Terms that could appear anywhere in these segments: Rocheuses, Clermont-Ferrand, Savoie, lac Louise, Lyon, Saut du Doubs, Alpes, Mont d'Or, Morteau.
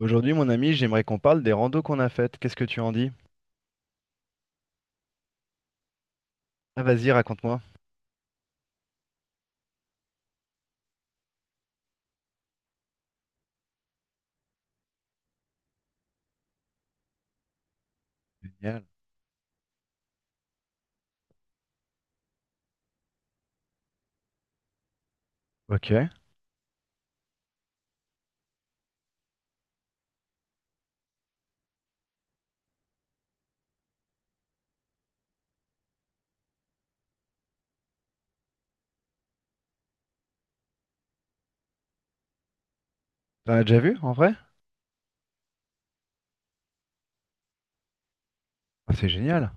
Aujourd'hui, mon ami, j'aimerais qu'on parle des randos qu'on a faites. Qu'est-ce que tu en dis? Ah, vas-y, raconte-moi. Génial. Ok. T'en as déjà vu, en vrai? Ah, c'est génial.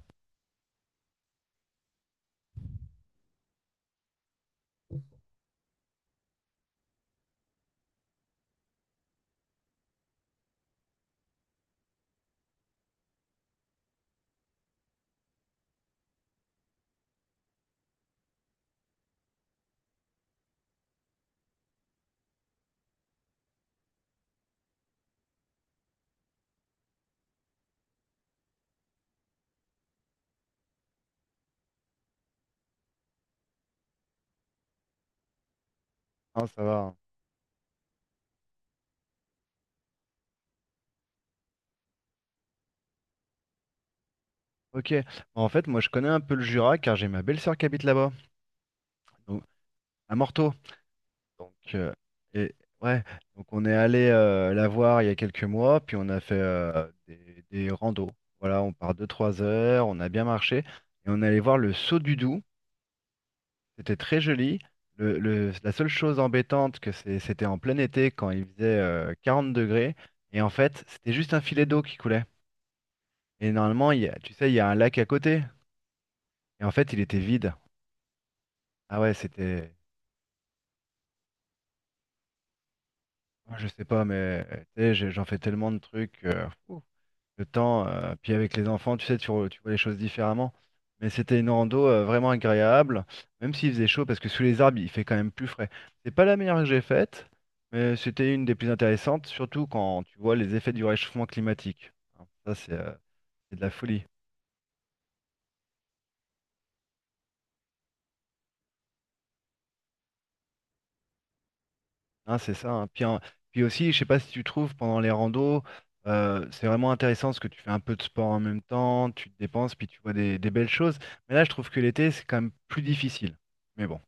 Ah, ça va, hein. Ok. Bah, en fait, moi, je connais un peu le Jura car j'ai ma belle-sœur qui habite là-bas, donc, à Morteau. Donc, et, ouais. Donc, on est allé la voir il y a quelques mois, puis on a fait des randos. Voilà, on part 2-3 heures, on a bien marché, et on est allé voir le Saut du Doubs. C'était très joli. La seule chose embêtante, que c'était en plein été quand il faisait 40 degrés. Et en fait, c'était juste un filet d'eau qui coulait. Et normalement, tu sais, il y a un lac à côté. Et en fait, il était vide. Ah ouais, c'était. Moi, je sais pas, mais tu sais, j'en fais tellement de trucs, ouf. Le temps, puis avec les enfants, tu sais, tu vois les choses différemment. Mais c'était une rando vraiment agréable, même s'il faisait chaud, parce que sous les arbres, il fait quand même plus frais. C'est pas la meilleure que j'ai faite, mais c'était une des plus intéressantes, surtout quand tu vois les effets du réchauffement climatique. Hein, ça, c'est de la folie. Hein, c'est ça, hein. Puis, hein, puis aussi, je sais pas si tu trouves pendant les randos, c'est vraiment intéressant parce que tu fais un peu de sport en même temps, tu te dépenses, puis tu vois des belles choses. Mais là, je trouve que l'été, c'est quand même plus difficile. Mais bon.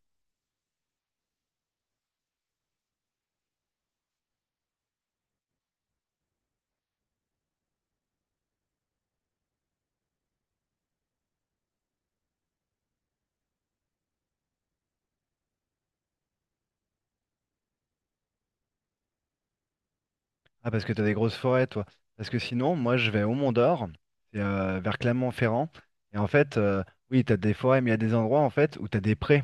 Ah, parce que t'as des grosses forêts, toi. Parce que sinon, moi, je vais au Mont d'Or, c'est vers Clermont-Ferrand. Et en fait, oui, t'as des forêts, mais il y a des endroits, en fait, où t'as des prés.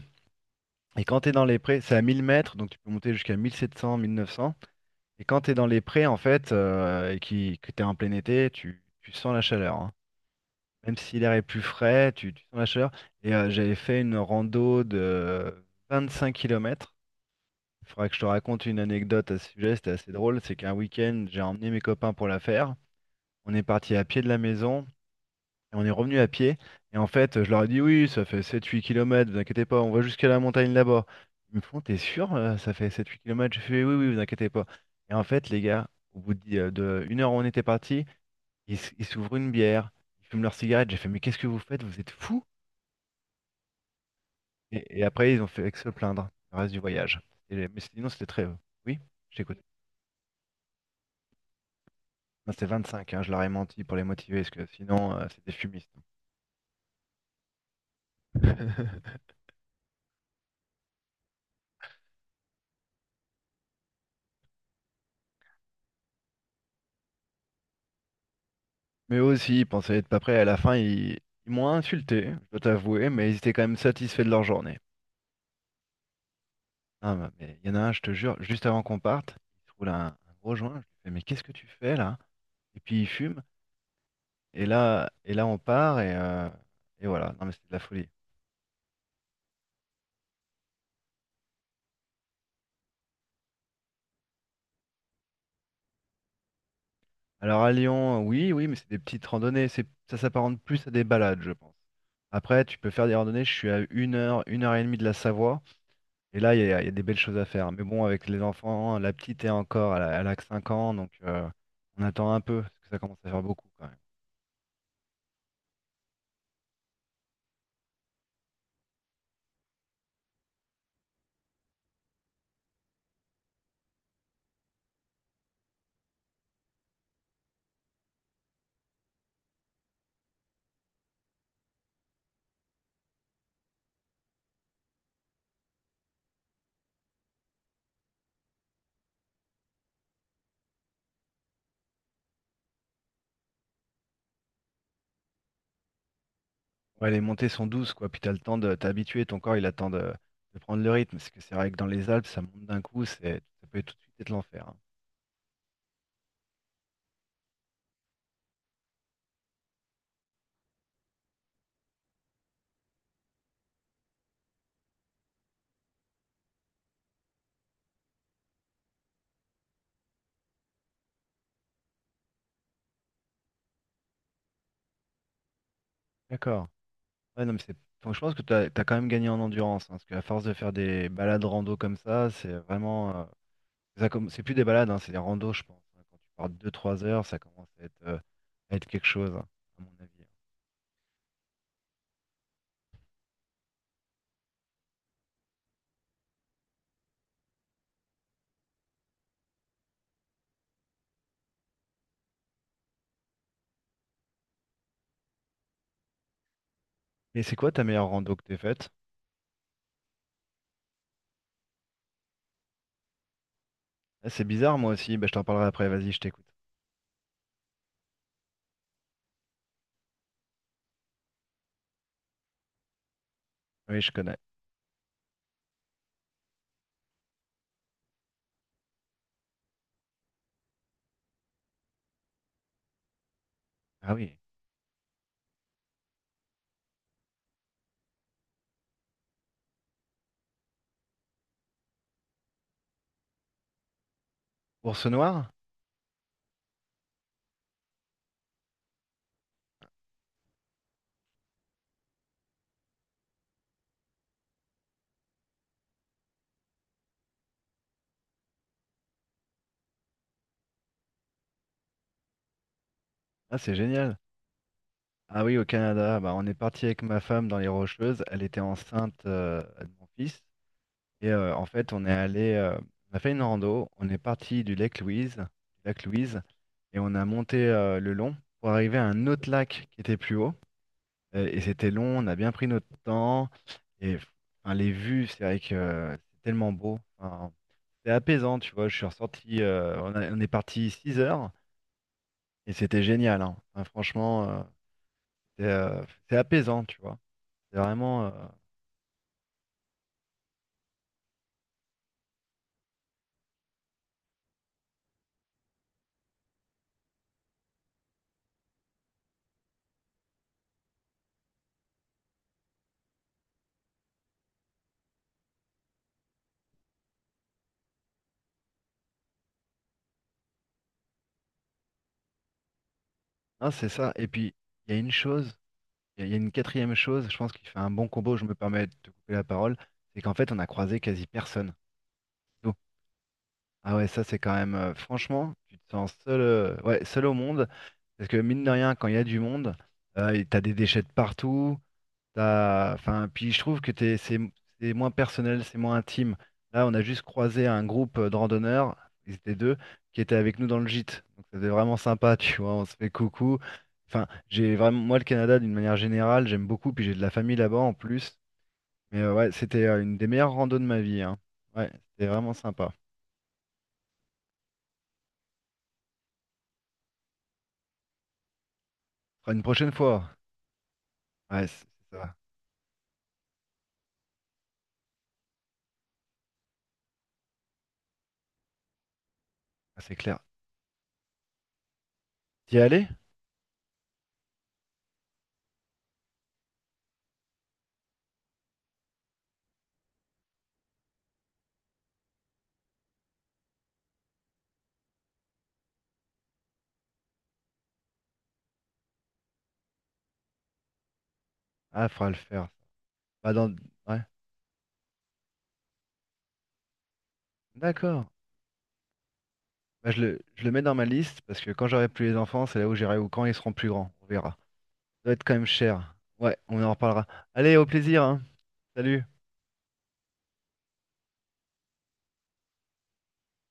Et quand t'es dans les prés, c'est à 1 000 mètres, donc tu peux monter jusqu'à mille sept cents, 1 900. Et quand t'es dans les prés, en fait, et que t'es en plein été, tu sens la chaleur, hein. Même si l'air est plus frais, tu sens la chaleur. Et j'avais fait une rando de 25 kilomètres. Il faudra que je te raconte une anecdote à ce sujet, c'était assez drôle. C'est qu'un week-end, j'ai emmené mes copains pour la faire. On est parti à pied de la maison et on est revenu à pied. Et en fait, je leur ai dit oui, ça fait 7-8 kilomètres, vous inquiétez pas, on va jusqu'à la montagne là-bas. Ils me font, t'es sûr, ça fait 7-8 kilomètres. Je fais oui, oui, vous inquiétez pas. Et en fait, les gars, au bout de 1 heure où on était parti, ils s'ouvrent une bière, ils fument leur cigarette. J'ai fait, mais qu'est-ce que vous faites? Vous êtes fous? Et après, ils ont fait que se plaindre le reste du voyage. Mais sinon, c'était très. Oui, j'écoute. Non, c'était 25, hein, je leur ai menti pour les motiver, parce que sinon, c'était fumiste. Mais eux aussi, ils pensaient être pas prêts. À la fin, ils m'ont insulté, je dois t'avouer, mais ils étaient quand même satisfaits de leur journée. Ah, bah, mais il y en a un, je te jure, juste avant qu'on parte, il se roule un gros joint. Je lui fais, mais qu'est-ce que tu fais là? Et puis il fume. Et là on part et voilà. Non, mais c'est de la folie. Alors à Lyon, oui, oui, mais c'est des petites randonnées. C'est, ça s'apparente plus à des balades, je pense. Après, tu peux faire des randonnées. Je suis à 1 heure, 1 heure et demie de la Savoie. Et là, il y a des belles choses à faire. Mais bon, avec les enfants, la petite est encore, elle a que 5 ans, donc on attend un peu, parce que ça commence à faire beaucoup quand même. Ouais, les montées sont douces, quoi, puis t'as le temps de t'habituer, ton corps, il attend de prendre le rythme, parce que c'est vrai que dans les Alpes, ça monte d'un coup, c'est, ça peut tout de suite être l'enfer, hein. D'accord. Ouais, non, mais c'est, donc, je pense que t'as quand même gagné en endurance, hein, parce qu'à force de faire des balades rando comme ça, c'est vraiment, c'est plus des balades, hein, c'est des randos, je pense, hein. Quand tu pars deux, trois heures, ça commence à être, quelque chose, hein, à mon avis. Mais c'est quoi ta meilleure rando que t'aies faite? Ah, c'est bizarre, moi aussi. Bah, je t'en parlerai après. Vas-y, je t'écoute. Oui, je connais. Ah oui. Ours noir? Ah, c'est génial. Ah oui, au Canada. Bah, on est parti avec ma femme dans les Rocheuses. Elle était enceinte de mon fils. Et en fait, on est allé, on a fait une rando. On est parti du lac Louise, et on a monté le long pour arriver à un autre lac qui était plus haut. Et c'était long. On a bien pris notre temps. Et enfin, les vues, c'est vrai que c'est tellement beau. Enfin, c'était apaisant, tu vois. Je suis ressorti, on est parti 6 heures et c'était génial, hein. Enfin, franchement, c'est euh, c'est apaisant, tu vois. C'est vraiment. Hein, c'est ça. Et puis, il y a une chose, il y a une quatrième chose, je pense qu'il fait un bon combo, je me permets de te couper la parole, c'est qu'en fait, on a croisé quasi personne. Tout. Ah ouais, ça, c'est quand même. Franchement, tu te sens seul, ouais, seul au monde. Parce que mine de rien, quand il y a du monde, et t'as des déchets de partout. Enfin, puis je trouve que c'est moins personnel, c'est moins intime. Là, on a juste croisé un groupe de randonneurs, ils étaient deux, qui étaient avec nous dans le gîte. Donc c'était vraiment sympa, tu vois, on se fait coucou. Enfin, j'ai vraiment, moi, le Canada, d'une manière générale, j'aime beaucoup, puis j'ai de la famille là-bas en plus. Mais ouais, c'était une des meilleures randos de ma vie, hein. Ouais, c'était vraiment sympa. Fera une prochaine fois. Ouais, c'est ça. Ah, c'est clair. T'y es allé? Ah, faudra le faire. Pas dans... Ouais, d'accord. Bah, je le mets dans ma liste parce que quand j'aurai plus les enfants, c'est là où j'irai ou quand ils seront plus grands. On verra. Ça doit être quand même cher. Ouais, on en reparlera. Allez, au plaisir, hein. Salut.